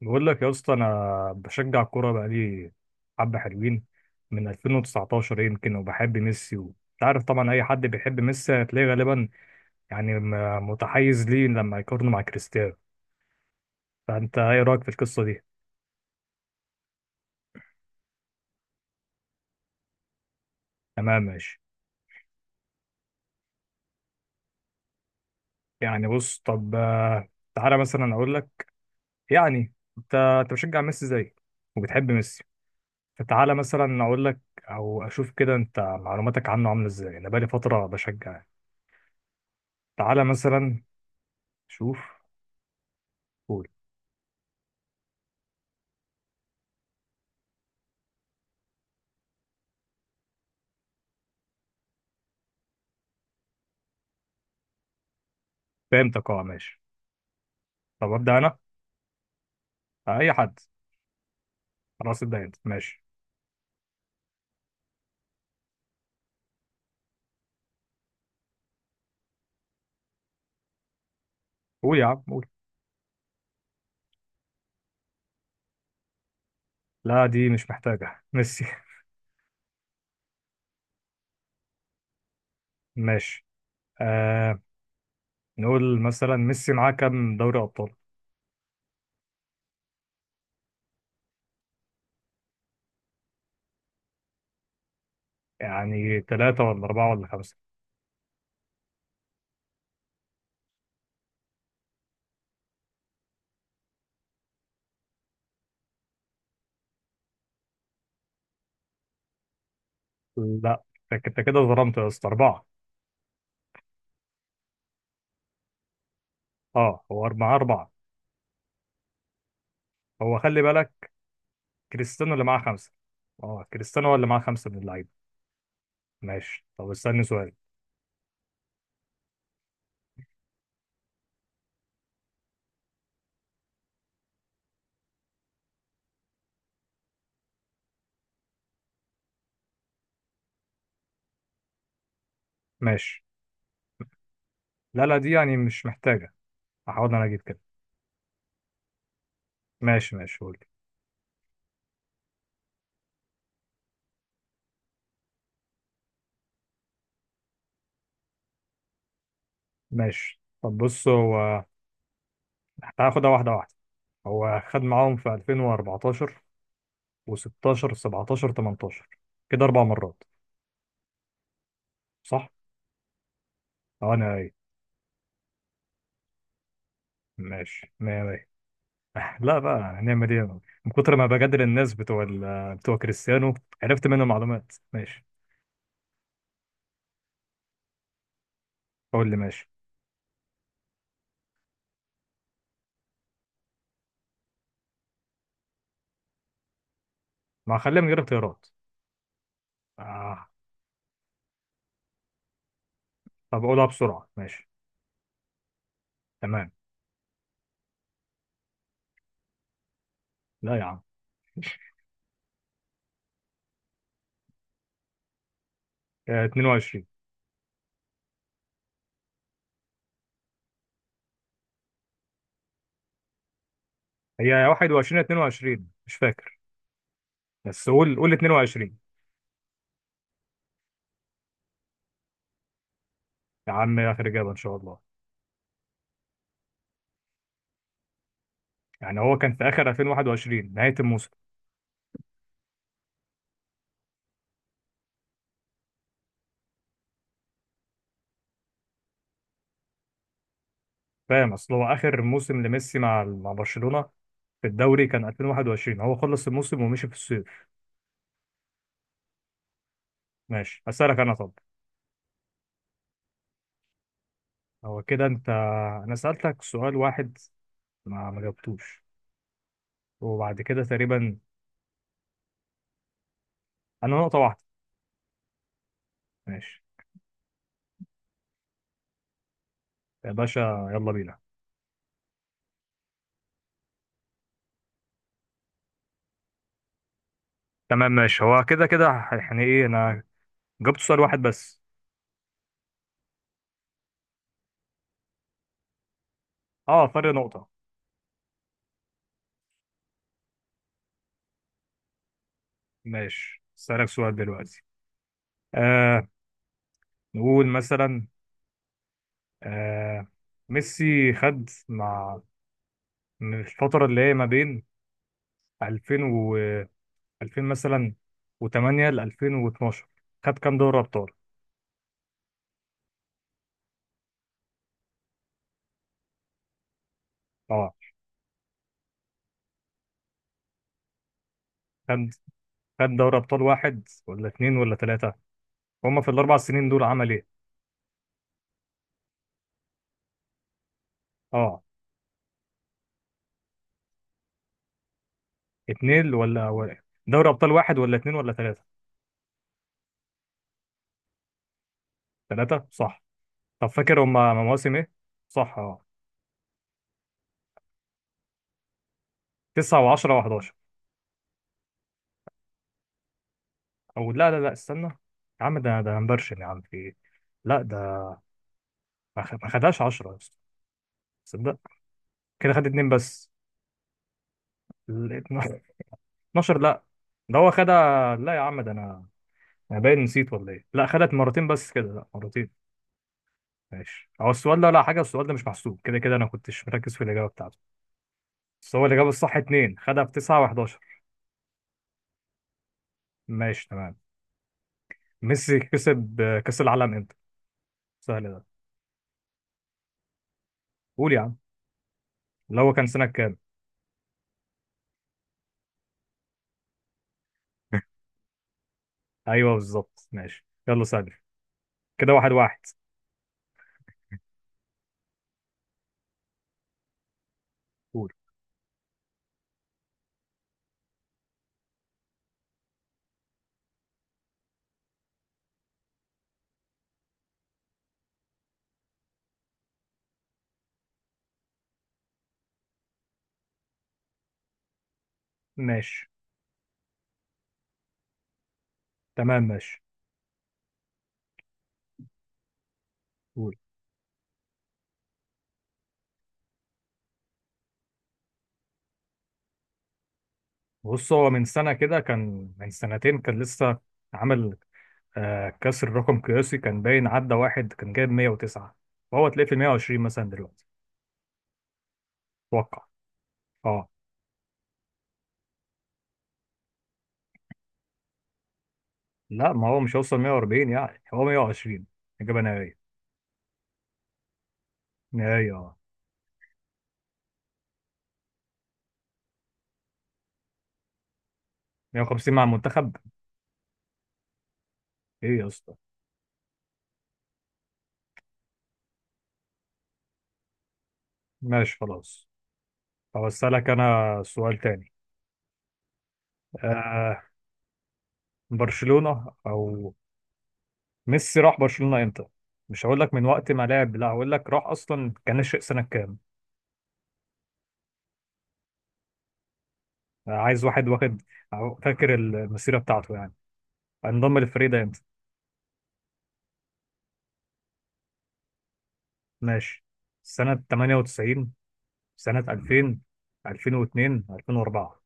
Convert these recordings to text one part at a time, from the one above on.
بقول لك يا اسطى، انا بشجع الكوره بقالي حبه حلوين من 2019 يمكن، وبحب ميسي انت عارف طبعا اي حد بيحب ميسي هتلاقيه غالبا يعني متحيز ليه لما يقارنه مع كريستيانو. فانت ايه رايك في القصه دي؟ تمام ماشي. يعني بص طب، تعالى مثلا اقول لك. يعني انت بشجع ميسي زي، وبتحب ميسي، فتعالى مثلا اقول لك او اشوف كده انت معلوماتك عنه عامله ازاي. انا بقالي فتره بشجع، تعالى مثلا. شوف. فهمتك، اه ماشي. طب ابدا انا، اي حد. خلاص ابدا انت ماشي. قول يا عم قول. لا دي مش محتاجه ميسي. ماشي. آه نقول مثلا ميسي معاه كام دوري ابطال؟ يعني ثلاثة ولا أربعة ولا خمسة. لا انت كده ظلمت يا اسطى، أربعة. اه هو أربعة، معاه أربعة. هو خلي بالك، كريستيانو اللي معاه خمسة. اه كريستيانو هو اللي معاه خمسة من اللعيبة. ماشي طب استني سؤال. ماشي لا لا، دي يعني مش محتاجة. هحاول انا اجيب كده. ماشي ماشي قول. ماشي طب بص هو، تعال خدها واحدة واحدة. هو خد معاهم في 2014 و16 17 18، كده أربع مرات، صح؟ أه أنا أي. ماشي مية مية. لا بقى هنعمل إيه أنا، من كتر ما بجادل الناس بتوع بتوع كريستيانو عرفت منهم معلومات. ماشي قول لي ماشي. ما خليها من غير اختيارات. آه. طب أقولها بسرعة ماشي. تمام. لا يا عم، 22. هي 21 يا 22 مش فاكر، بس قول قول 22. يا عم آخر إجابة إن شاء الله. يعني هو كان في اخر 2021 نهايه الموسم. فاهم، اصل هو اخر موسم لميسي مع برشلونه في الدوري كان 2021، هو خلص الموسم ومشي في الصيف. ماشي اسالك انا طب. هو كده انت، انا سالتك سؤال واحد ما جاوبتوش، وبعد كده تقريبا انا نقطه واحده. ماشي يا باشا يلا بينا. تمام ماشي، هو كده كده. يعني ايه، انا جاوبت سؤال واحد بس. اه فرق نقطه. ماشي اسالك سؤال دلوقتي. آه نقول مثلا، آه ميسي خد مع، من الفترة اللي هي ما بين 2000 و 2000 مثلا و8 ل 2012، خد كام دوري ابطال؟ اه، خد خد دوري ابطال واحد ولا اتنين ولا تلاتة، هما في الاربع سنين دول عمل ايه؟ اه اتنين دوري ابطال واحد ولا اتنين ولا تلاتة. تلاتة، صح. طب فاكر هما مواسم ايه؟ صح اه. تسعة و10 و11. او لا لا لا استنى. يا عم ده هنبرشن، يا عم في ايه؟ لا ده ما خدهاش 10 يا اسطى، تصدق. كده خد اتنين بس. 12 لا، ده هو خدها، لا يا عم ده انا باين نسيت ولا ايه. لا خدت مرتين بس كده، لا مرتين. ماشي، هو السؤال ده لا حاجه، السؤال ده مش محسوب كده كده، انا كنتش مركز في الاجابه بتاعته. بس هو الاجابه الصح اتنين، خدها في 9 و11. ماشي تمام. ميسي كسب، كاس العالم امتى؟ سهل ده. قول يا عم. اللي هو كان سنه كام؟ ايوه بالظبط. ماشي يلا سهل. كده واحد واحد. قول. ماشي تمام ماشي قول. بص هو من سنه كده، كان من سنتين، كان لسه عامل كسر رقم قياسي. كان باين عدى واحد، كان جايب 109، فهو تلاقيه في 120 مثلا دلوقتي، اتوقع. اه. لا ما هو مش هيوصل 140، يعني هو 120، اجابه نهائيه. نهائيه اه. 150 مع المنتخب! ايه يا اسطى. ماشي خلاص. طب اسالك انا سؤال تاني. آه برشلونه او، ميسي راح برشلونه امتى؟ مش هقول لك من وقت ما لعب، لا هقول لك راح اصلا كان ناشئ سنه كام. عايز واحد واخد. أو فاكر المسيره بتاعته، يعني انضم للفريق ده. ماشي، سنة 98، سنة 2000، 2002، 2004.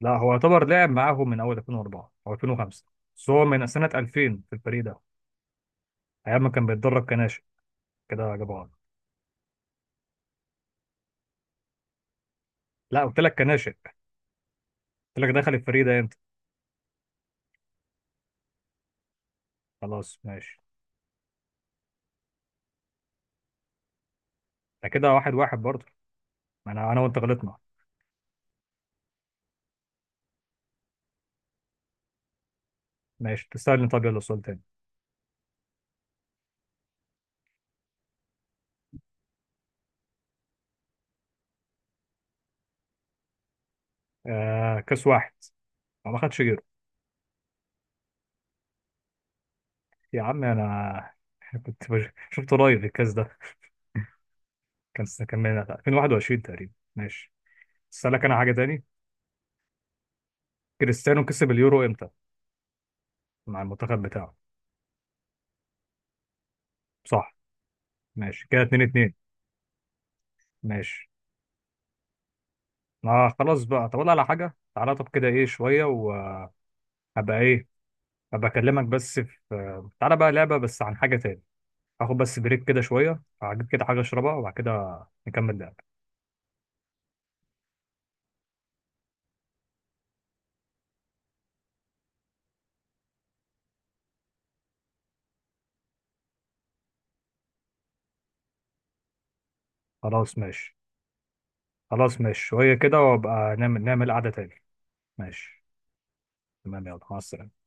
لا هو يعتبر لعب معاهم من أول 2004 أو 2005، بس هو من سنة 2000 في الفريق ده أيام ما كان بيتدرب كناشئ كده، جاب عرض. لا قلت لك كناشئ، قلت لك دخل الفريق ده أنت. خلاص ماشي. ده كده واحد واحد برضه. ما أنا وأنت غلطنا. ماشي تستاهل. طب يلا سؤال تاني. كاس واحد، ما خدش غيره. يا عم أنا كنت شفت قريب الكاس ده. كان من 2021 تقريبا. ماشي أسألك أنا حاجة تاني. كريستيانو كسب اليورو امتى مع المنتخب بتاعه؟ صح. ماشي كده 2 2. ماشي ما خلاص بقى. طب أقول على حاجه، تعالى. طب كده ايه، شويه وهبقى ايه، هبقى اكلمك بس في، تعالى بقى لعبه بس عن حاجه تاني. هاخد بس بريك كده شويه، هجيب كده حاجه اشربها وبعد كده نكمل لعب. خلاص ماشي. خلاص ماشي، شويه كده وابقى نعمل قعده تاني. ماشي تمام، يلا مع السلامه.